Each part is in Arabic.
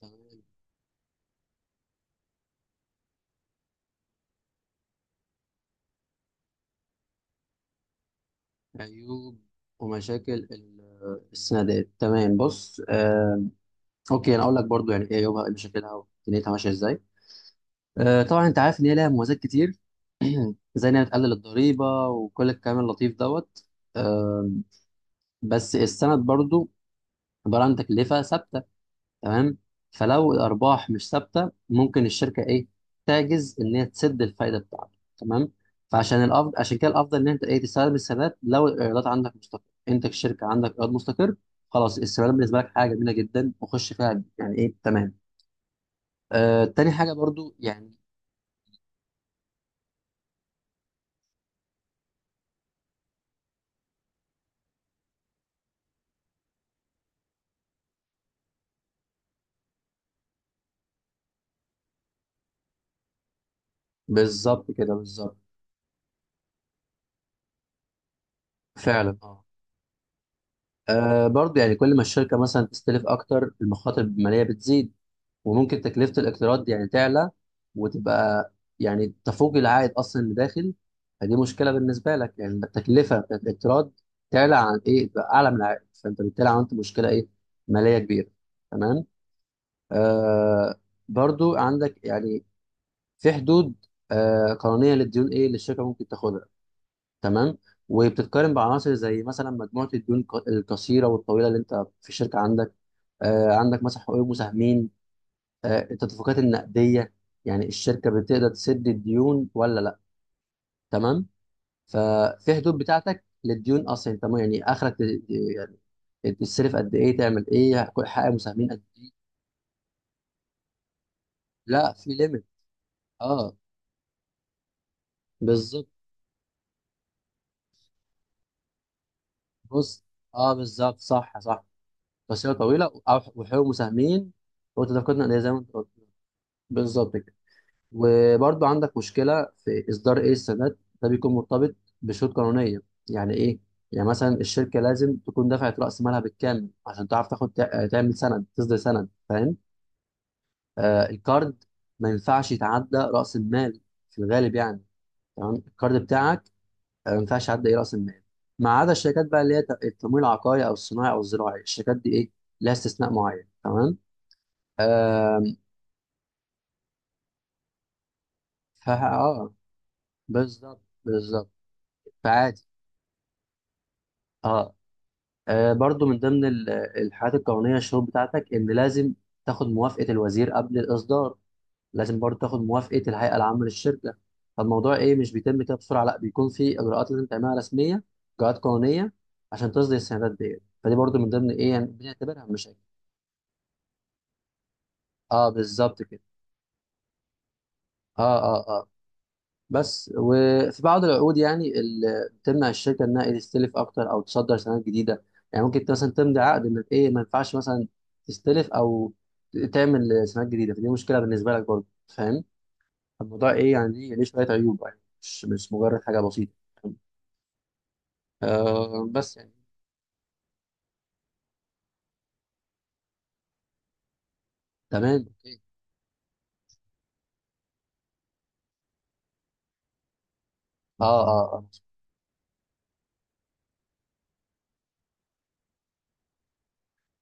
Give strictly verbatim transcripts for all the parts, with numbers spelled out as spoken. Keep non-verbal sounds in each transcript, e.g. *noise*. تمام. عيوب ومشاكل ال- السندات. تمام، بص، آه، اوكي، انا اقول لك برضو يعني ايه عيوبها، ايه مشاكلها، ودنيتها ماشيه ازاي. آه، طبعا انت عارف ان هي لها مميزات كتير *clears throat* زي انها بتقلل الضريبه وكل الكلام اللطيف دوت. آه، بس السند برضو عباره عن تكلفه ثابته، تمام. فلو الارباح مش ثابته ممكن الشركه ايه، تعجز ان هي تسد الفايده بتاعتك، تمام. فعشان الافضل، عشان كده الافضل ان انت ايه، تستخدم السندات لو الايرادات عندك مستقر. انت كشركه عندك ايراد مستقر، خلاص السندات بالنسبه لك حاجه جميله جدا وخش فيها، يعني ايه، تمام. آه، تاني حاجه برضو يعني بالظبط كده، بالظبط، فعلا اه. آه، برضو يعني كل ما الشركه مثلا تستلف اكتر المخاطر الماليه بتزيد، وممكن تكلفة الاقتراض دي يعني تعلى وتبقى يعني تفوق العائد أصلا اللي داخل. فدي مشكلة بالنسبة لك، يعني التكلفة بتاعت الاقتراض تعلى عن إيه، تبقى أعلى من العائد، فأنت بالتالي عملت مشكلة إيه، مالية كبيرة، تمام. آه، برضو عندك يعني في حدود آه قانونية للديون، إيه اللي الشركة ممكن تاخدها، تمام. وبتتقارن بعناصر زي مثلا مجموعة الديون الق- القصيرة والطويلة اللي أنت في الشركة عندك، آه، عندك مثلا حقوق المساهمين، آه، التدفقات النقديه، يعني الشركه بتقدر تسد الديون ولا لا، تمام. ففي حدود بتاعتك للديون اصلا، تمام، يعني اخرك ت- ت- يعني تصرف قد ايه، تعمل ايه، كل حاجه مساهمين قد ايه. لا، في ليميت. اه بالظبط. بص، اه بالظبط، صح صح. بس هي طويله أو- وحقوق مساهمين وتدفقات نقديه زي ما انت قلت. بالظبط كده. وبرضو عندك مشكلة في إصدار إيه، السداد ده بيكون مرتبط بشروط قانونية. يعني إيه؟ يعني مثلا الشركة لازم تكون دفعت رأس مالها بالكامل عشان تعرف تاخد تع- تعمل سند، تصدر سند، فاهم؟ آه، الكارد ما ينفعش يتعدى رأس المال في الغالب يعني. تمام، الكارد بتاعك آه، ما ينفعش يعدى إيه رأس المال، ما عدا الشركات بقى اللي هي ت- التمويل العقاري أو الصناعي أو الزراعي. الشركات دي إيه؟ لها استثناء معين، تمام؟ آه، فا آه بالظبط، بالظبط فعادي، اه. آه، برضو من ضمن ال- الحاجات القانونية الشروط بتاعتك إن لازم تاخد موافقة الوزير قبل الإصدار، لازم برضو تاخد موافقة الهيئة العامة للشركة. فالموضوع إيه، مش بيتم كده بسرعة، لا بيكون في إجراءات لازم تعملها رسمية، إجراءات قانونية، عشان تصدر السندات ديت. فدي برضو من ضمن إيه يعني بنعتبرها مشاكل. أه بالظبط كده. أه أه آه. بس وفي بعض العقود يعني اللي بتمنع الشركه انها إيه تستلف اكتر او تصدر سنوات جديده. يعني ممكن انت مثلا تمضي عقد انك ايه، ما ينفعش مثلا تستلف او تعمل سنوات جديده، فدي مشكله بالنسبه لك برضه. فاهم الموضوع ايه، يعني ليه ليه شويه عيوب، يعني مش مش مجرد حاجه بسيطه. آه، بس يعني تمام. اوكي، اه اه اه.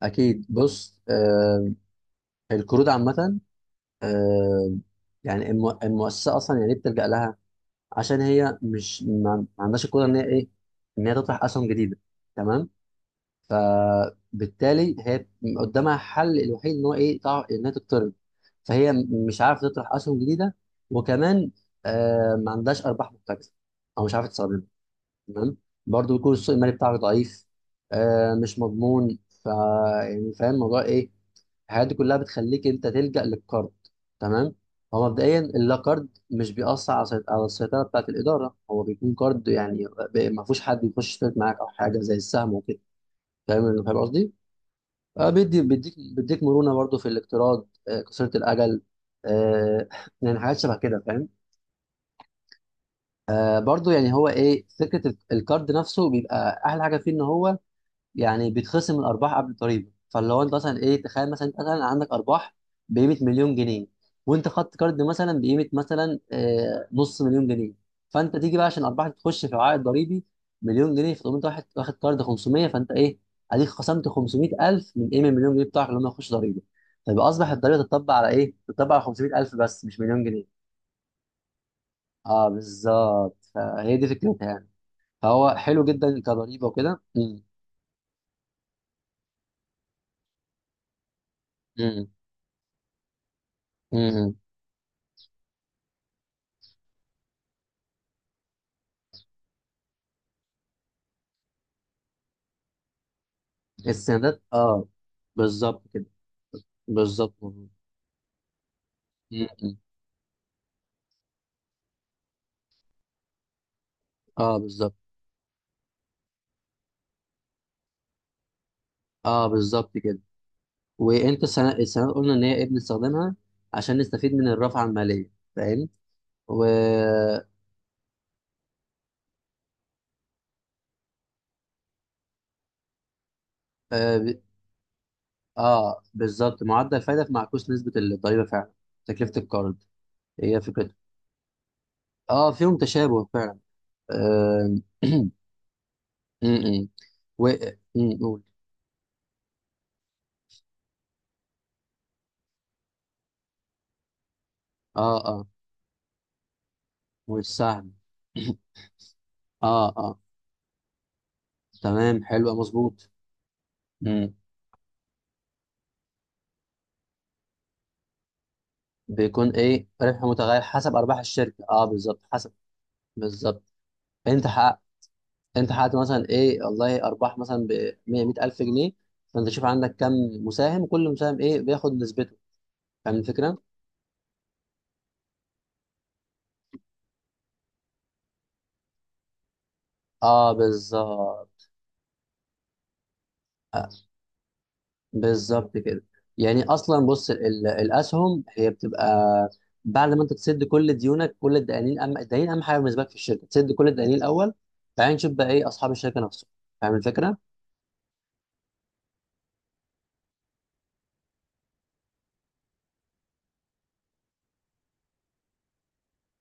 اكيد، بص، آه، القروض عامه، آه، يعني الم- المؤسسه اصلا يعني إيه بتلجا لها، عشان هي مش ما ما عندهاش القدره ان هي ايه، ان هي تطرح اسهم جديده، تمام. بالتالي هي قدامها حل الوحيد ان هو ايه تع- ان هي تقترض. فهي م- مش عارفه تطرح اسهم جديده، وكمان آه ما عندهاش ارباح محتجزه او مش عارفه تستخدمها، تمام. برضو يكون السوق المالي بتاعك ضعيف، آه مش مضمون، ف يعني فاهم الموضوع ايه، الحاجات دي كلها بتخليك انت تلجأ للقرض، تمام. هو مبدئيا اللا قرض مش بيأثر على سيط- على السيطرة بتاعة الإدارة. هو بيكون قرض يعني ب- ما فيهوش حد يخش يشترك معاك أو حاجة زي السهم وكده، فاهم، فاهم قصدي؟ آه، بيدي بيديك بيديك مرونة برضو في الاقتراض، آه، قصيرة الأجل، آه، *laughs* يعني حاجات شبه كده، فاهم؟ آه، برضو يعني هو إيه فكرة القرض نفسه، بيبقى أحلى حاجة فيه إن هو يعني بيتخصم الارباح قبل الضريبه. فاللي هو انت مثلا ايه، تخيل مثلا انت مثلا عندك ارباح بقيمه مليون جنيه، وانت خدت كارد مثلا بقيمه مثلا آه، نص مليون جنيه. فانت تيجي بقى عشان الارباح تخش في العائد الضريبي مليون جنيه، فتقوم انت واحد واخد كارد خمسمية، فانت ايه، اديك خصمت خمسمية الف من ايه، من مليون جنيه بتاعك، اللي هم يخش ضريبه. فيبقى اصبح الضريبه تطبق على ايه؟ تطبق على خمسمية الف بس، مش مليون جنيه. اه بالظبط، فهي دي فكرتها يعني. فهو حلو جدا كضريبه وكده. امم امم، السندات، اه بالظبط كده. بالظبط، مظبوط. م- م. اه بالظبط، اه بالظبط كده. وانت السنة السنة قلنا ان هي ايه بنستخدمها عشان نستفيد من الرافعة المالية، فاهم. و اه ب- آه، بالظبط، معدل الفايدة في معكوس نسبة الضريبة فعلا تكلفة القرض. هي فكرة، اه فيهم تشابه فعلا. آه. *clears throat* م- م. و م- قول. اه اه. والسهم *clears throat* اه اه تمام، حلو، مظبوط. بيكون ايه ربح متغير حسب ارباح الشركه، اه بالظبط حسب. بالظبط. انت حققت، انت حققت مثلا ايه والله ارباح مثلا ب مية مية الف جنيه. فانت شوف عندك كم مساهم، كل مساهم ايه بياخد نسبته، فاهم الفكره. اه بالظبط. آه، بالظبط كده. يعني اصلا بص ال- ال- الاسهم هي بتبقى بعد ما انت تسد كل ديونك، كل الدقانين، اهم الدقانين، اهم حاجه بالنسبه لك في الشركه تسد كل الدقانين الاول، بعدين نشوف بقى ايه اصحاب الشركه نفسهم، فاهم الفكره.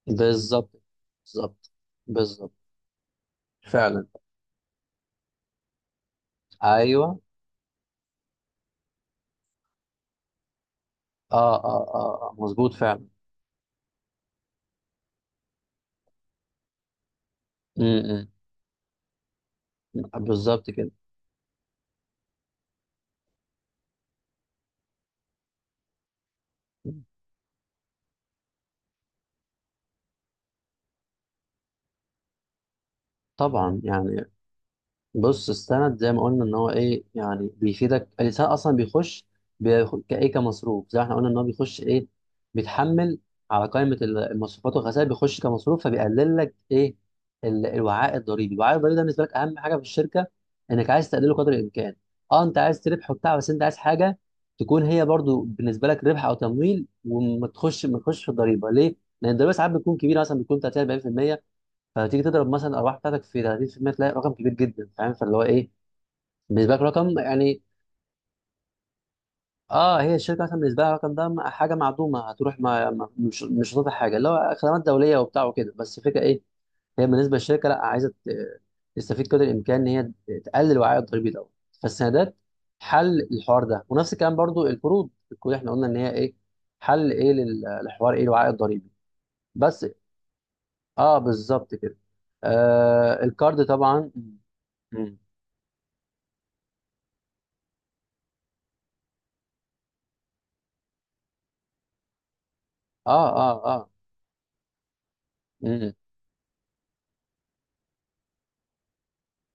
بالظبط، بالظبط، بالظبط فعلا. ايوه اه اه اه آه، مظبوط فعلا. م- م. بالظبط كده. طبعا يعني، بص السند زي ما قلنا ان هو ايه يعني بيفيدك، الانسان اصلا بيخش بيخ- كايه كمصروف، زي ما احنا قلنا ان هو بيخش ايه، بيتحمل على قائمه ال- المصروفات والخسائر، بيخش كمصروف، فبيقلل لك ايه، ال- الوعاء الضريبي. الوعاء الضريبي ده بالنسبه لك اهم حاجه في الشركه، انك عايز تقلله قدر الامكان. اه انت عايز تربح وبتاع، بس انت عايز حاجه تكون هي برضو بالنسبه لك ربح او تمويل، وما تخش ما تخش في الضريبه، ليه؟ لان الضريبه ساعات بتكون كبيره، مثلا بتكون تلاتين اربعين في المية. فتيجي تضرب مثلا الارباح بتاعتك في تلاتين في المية، تلاقي رقم كبير جدا، فاهم، فاللي هو ايه بالنسبه لك رقم يعني. اه هي الشركه مثلا بالنسبه لها الرقم ده م- حاجه معدومه هتروح، ما ما- مش مش هتطلع حاجه، اللي هو خدمات دوليه وبتاع وكده. بس الفكره ايه، هي بالنسبه للشركه لا عايزه ت- تستفيد قدر الامكان ان هي تقلل وعاء الضريبي دوت. فالسندات حل الحوار ده، ونفس الكلام برضو القروض. القروض احنا قلنا ان هي ايه، حل ايه لل- للحوار ايه الوعاء الضريبي بس. اه بالظبط كده. آه الكارد طبعا. اه اه اه. امم،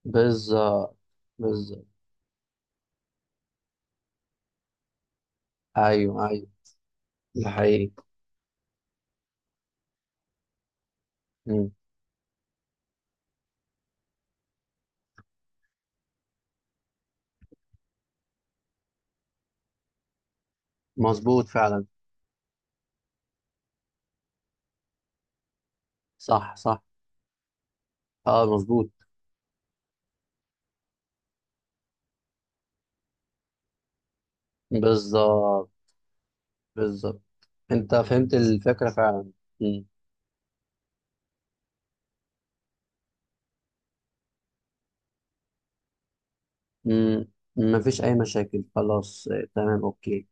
بالظبط، بالظبط. ايوه ايوه، ده حقيقي. امم، مظبوط فعلا. صح صح، اه مظبوط. بالظبط، بالظبط، انت فهمت الفكرة فعلا. امم. امم، مفيش اي مشاكل، خلاص آه، تمام اوكي.